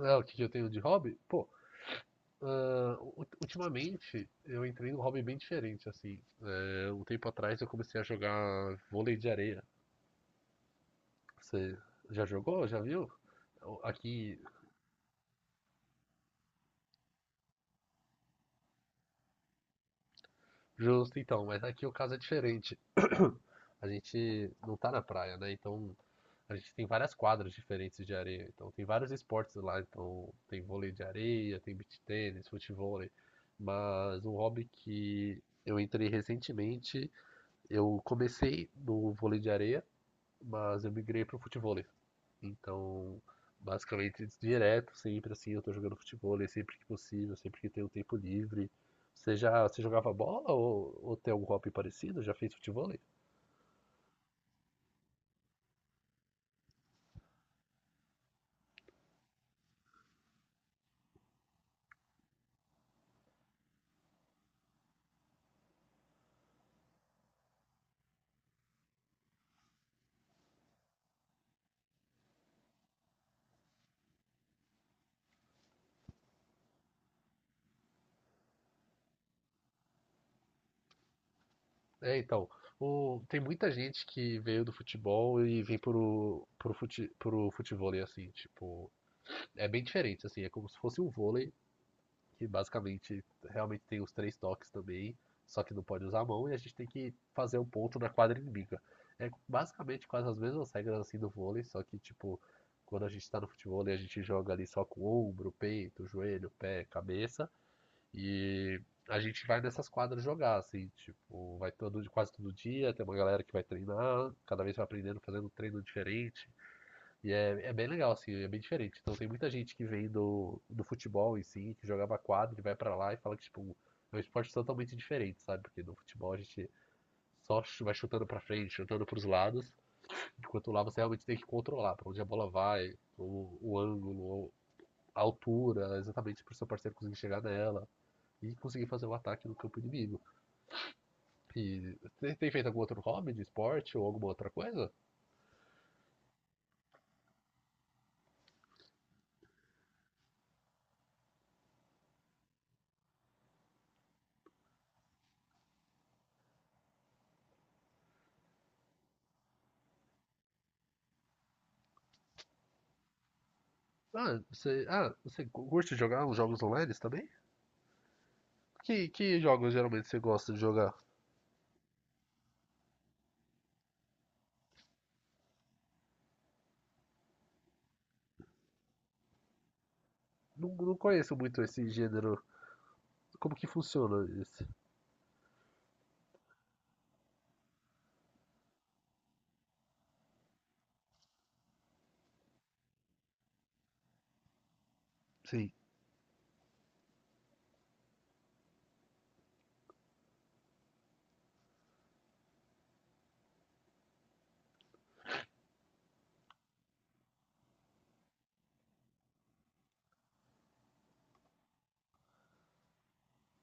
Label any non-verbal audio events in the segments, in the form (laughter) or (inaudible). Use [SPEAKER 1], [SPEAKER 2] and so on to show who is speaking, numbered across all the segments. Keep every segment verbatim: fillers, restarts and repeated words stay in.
[SPEAKER 1] É, o que eu tenho de hobby? Pô, ah, u- ultimamente eu entrei num hobby bem diferente, assim. É, um tempo atrás eu comecei a jogar vôlei de areia. Você já jogou? Já viu? Então, aqui, justo então, mas aqui o caso é diferente. (clears throat) A gente não tá na praia, né? Então a gente tem várias quadras diferentes de areia. Então tem vários esportes lá. Então tem vôlei de areia, tem beach tênis, futevôlei. Mas um hobby que eu entrei recentemente. Eu comecei no vôlei de areia, mas eu migrei para o futevôlei. Então, basicamente, direto, sempre assim, eu tô jogando futevôlei sempre que possível, sempre que tenho tempo livre. Você já, você jogava bola ou, ou tem algum hobby parecido? Já fez futevôlei? É, então, o- tem muita gente que veio do futebol e vem pro, pro, fute, pro futevôlei, assim, tipo, é bem diferente, assim, é como se fosse um vôlei, que basicamente realmente tem os três toques também, só que não pode usar a mão e a gente tem que fazer um ponto na quadra inimiga. É basicamente quase as mesmas regras assim do vôlei, só que tipo, quando a gente tá no futebol a gente joga ali só com o ombro, peito, joelho, pé, cabeça e a gente vai nessas quadras jogar, assim, tipo, vai todo, quase todo dia, tem uma galera que vai treinar, cada vez vai aprendendo, fazendo um treino diferente. E é, é bem legal, assim, é bem diferente. Então tem muita gente que vem do, do futebol em si, que jogava quadra e vai pra lá e fala que, tipo, é um esporte totalmente diferente, sabe? Porque no futebol a gente só ch- vai chutando pra frente, chutando pros lados, enquanto lá você realmente tem que controlar pra onde a bola vai, o, o ângulo, a altura, exatamente pro seu parceiro conseguir chegar nela e conseguir fazer o ataque no campo inimigo. E você tem feito algum outro hobby de esporte ou alguma outra coisa? Ah, você, ah, você curte jogar uns jogos online também? Que, que jogos geralmente você gosta de jogar? Não, não conheço muito esse gênero. Como que funciona esse? Sim.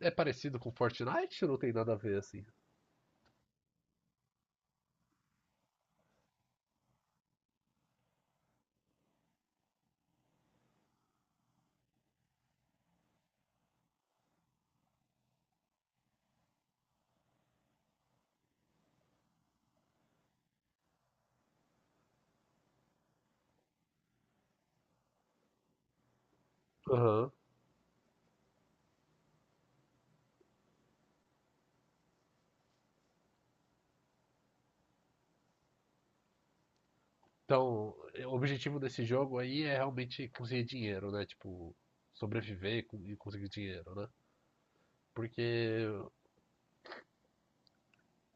[SPEAKER 1] É parecido com Fortnite ou não tem nada a ver assim? Aham. Então, é, o objetivo desse jogo aí é realmente conseguir dinheiro, né? Tipo, sobreviver e con- e conseguir dinheiro, né? Porque,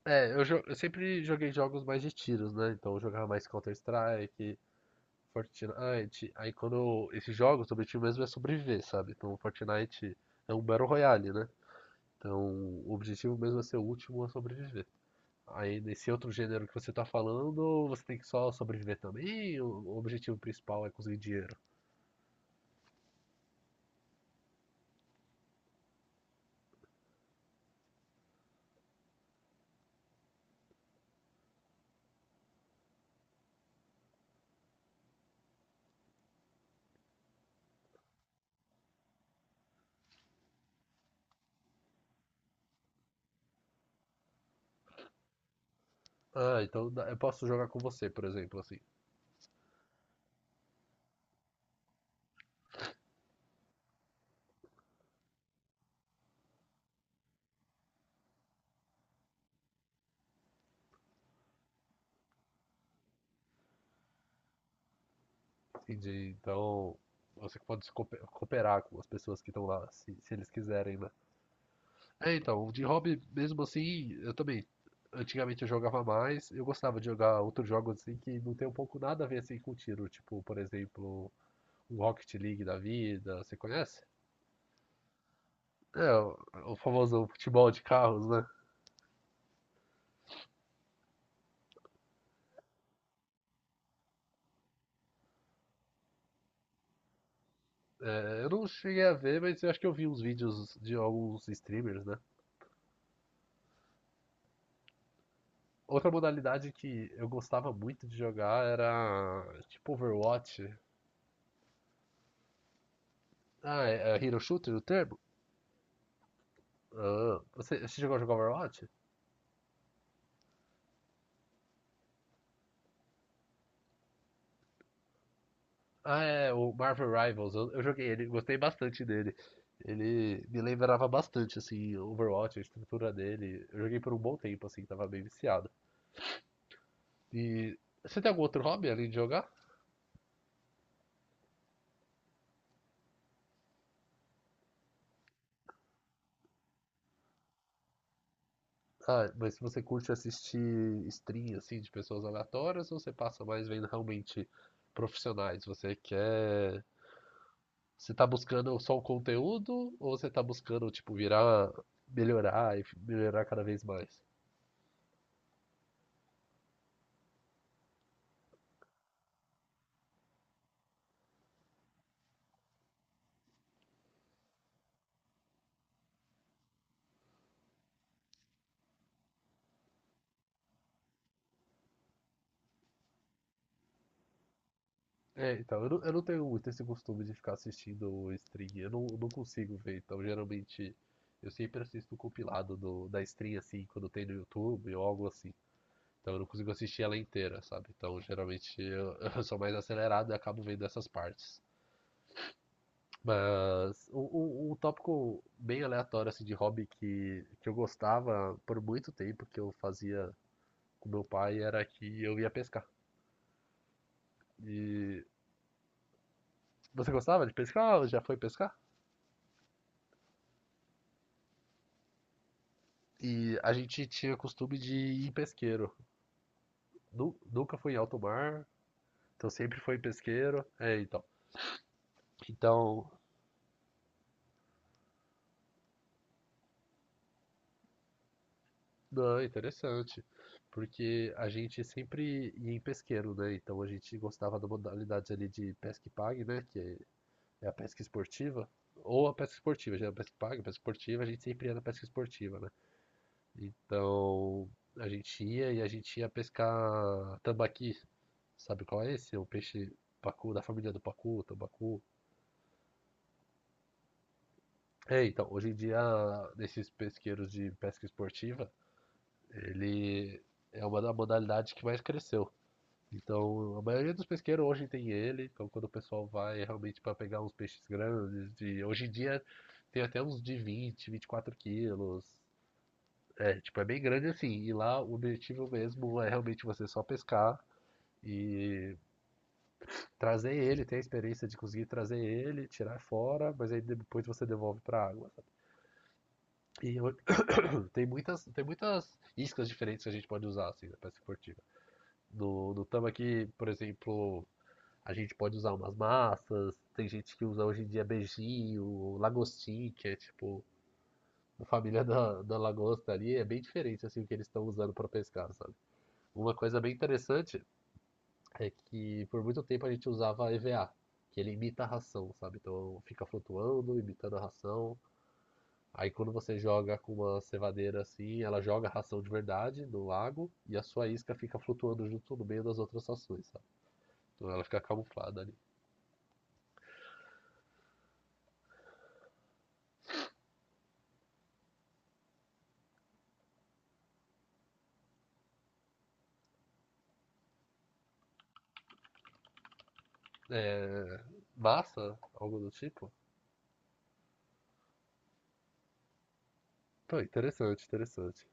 [SPEAKER 1] é, eu, jo- eu sempre joguei jogos mais de tiros, né? Então eu jogava mais Counter-Strike, Fortnite. Aí quando eu- esses jogos, o objetivo mesmo é sobreviver, sabe? Então Fortnite é um Battle Royale, né? Então, o objetivo mesmo é ser o último a sobreviver. Aí, nesse outro gênero que você tá falando, você tem que só sobreviver também? Ou o objetivo principal é conseguir dinheiro. Ah, então dá- eu posso jogar com você, por exemplo, assim. Entendi. Então, você pode se coope- cooperar com as pessoas que estão lá, se, se eles quiserem, né? É, então, de hobby, mesmo assim, eu também. Antigamente eu jogava mais, eu gostava de jogar outros jogos assim que não tem um pouco nada a ver assim com tiro, tipo, por exemplo, um Rocket League da vida, você conhece? É, o o famoso futebol de carros, né? É, eu não cheguei a ver, mas eu acho que eu vi uns vídeos de alguns streamers, né? Outra modalidade que eu gostava muito de jogar era tipo Overwatch. Ah, é, é Hero Shooter o termo? Ah, você, você chegou a jogar Overwatch? Ah, é, o Marvel Rivals. Eu, eu joguei ele, gostei bastante dele. Ele me lembrava bastante, assim, Overwatch, a estrutura dele. Eu joguei por um bom tempo, assim, tava bem viciado. E você tem algum outro hobby além de jogar? Ah, mas você curte assistir stream assim de pessoas aleatórias ou você passa mais vendo realmente profissionais? Você quer. Você tá buscando só o conteúdo ou você tá buscando, tipo, virar, melhorar e melhorar cada vez mais? É, então, eu não, eu não tenho muito esse costume de ficar assistindo stream, eu não, não consigo ver, então geralmente eu sempre assisto o compilado do, da stream assim, quando tem no YouTube ou algo assim. Então eu não consigo assistir ela inteira, sabe? Então geralmente eu, (laughs) eu sou mais acelerado e acabo vendo essas partes. Mas um, um- um tópico bem aleatório assim, de hobby que, que eu gostava por muito tempo, que eu fazia com meu pai, era que eu ia pescar. E você gostava de pescar ou já foi pescar? E a gente tinha costume de ir em pesqueiro. Nu- nunca fui em alto mar, então sempre foi em pesqueiro. É, então. Então, não, interessante. Porque a gente sempre ia em pesqueiro, né? Então a gente gostava da modalidade ali de pesca e pague, né? Que é é a pesca esportiva. Ou a pesca esportiva, já é a pesca e pague, a pesca esportiva, a gente sempre ia na pesca esportiva, né? Então a gente ia e a gente ia pescar tambaqui. Sabe qual é esse? O peixe pacu, da família do pacu, tambacu. É, então, hoje em dia, nesses pesqueiros de pesca esportiva, ele é uma da modalidade que mais cresceu. Então, a maioria dos pesqueiros hoje tem ele, então quando o pessoal vai é realmente para pegar uns peixes grandes, de... hoje em dia tem até uns de vinte, vinte e quatro quilos. É, tipo, é bem grande assim. E lá o objetivo mesmo é realmente você só pescar e trazer ele, ter a experiência de conseguir trazer ele, tirar fora, mas aí depois você devolve para água. E eu- (coughs) (clears throat) tem muitas, tem muitas iscas diferentes que a gente pode usar assim na pesca esportiva. No, no tambaqui, por exemplo, a gente pode usar umas massas, tem gente que usa hoje em dia beijinho, lagostim, que é tipo a família da, da lagosta ali, é bem diferente assim o que eles estão usando para pescar, sabe? Uma coisa bem interessante é que por muito tempo a gente usava EVA, que ele imita a ração, sabe? Então fica flutuando, imitando a ração. Aí quando você joga com uma cevadeira assim, ela joga a ração de verdade no lago e a sua isca fica flutuando junto no meio das outras rações, sabe? Então ela fica camuflada ali. É, massa, algo do tipo. Pô, interessante, interessante.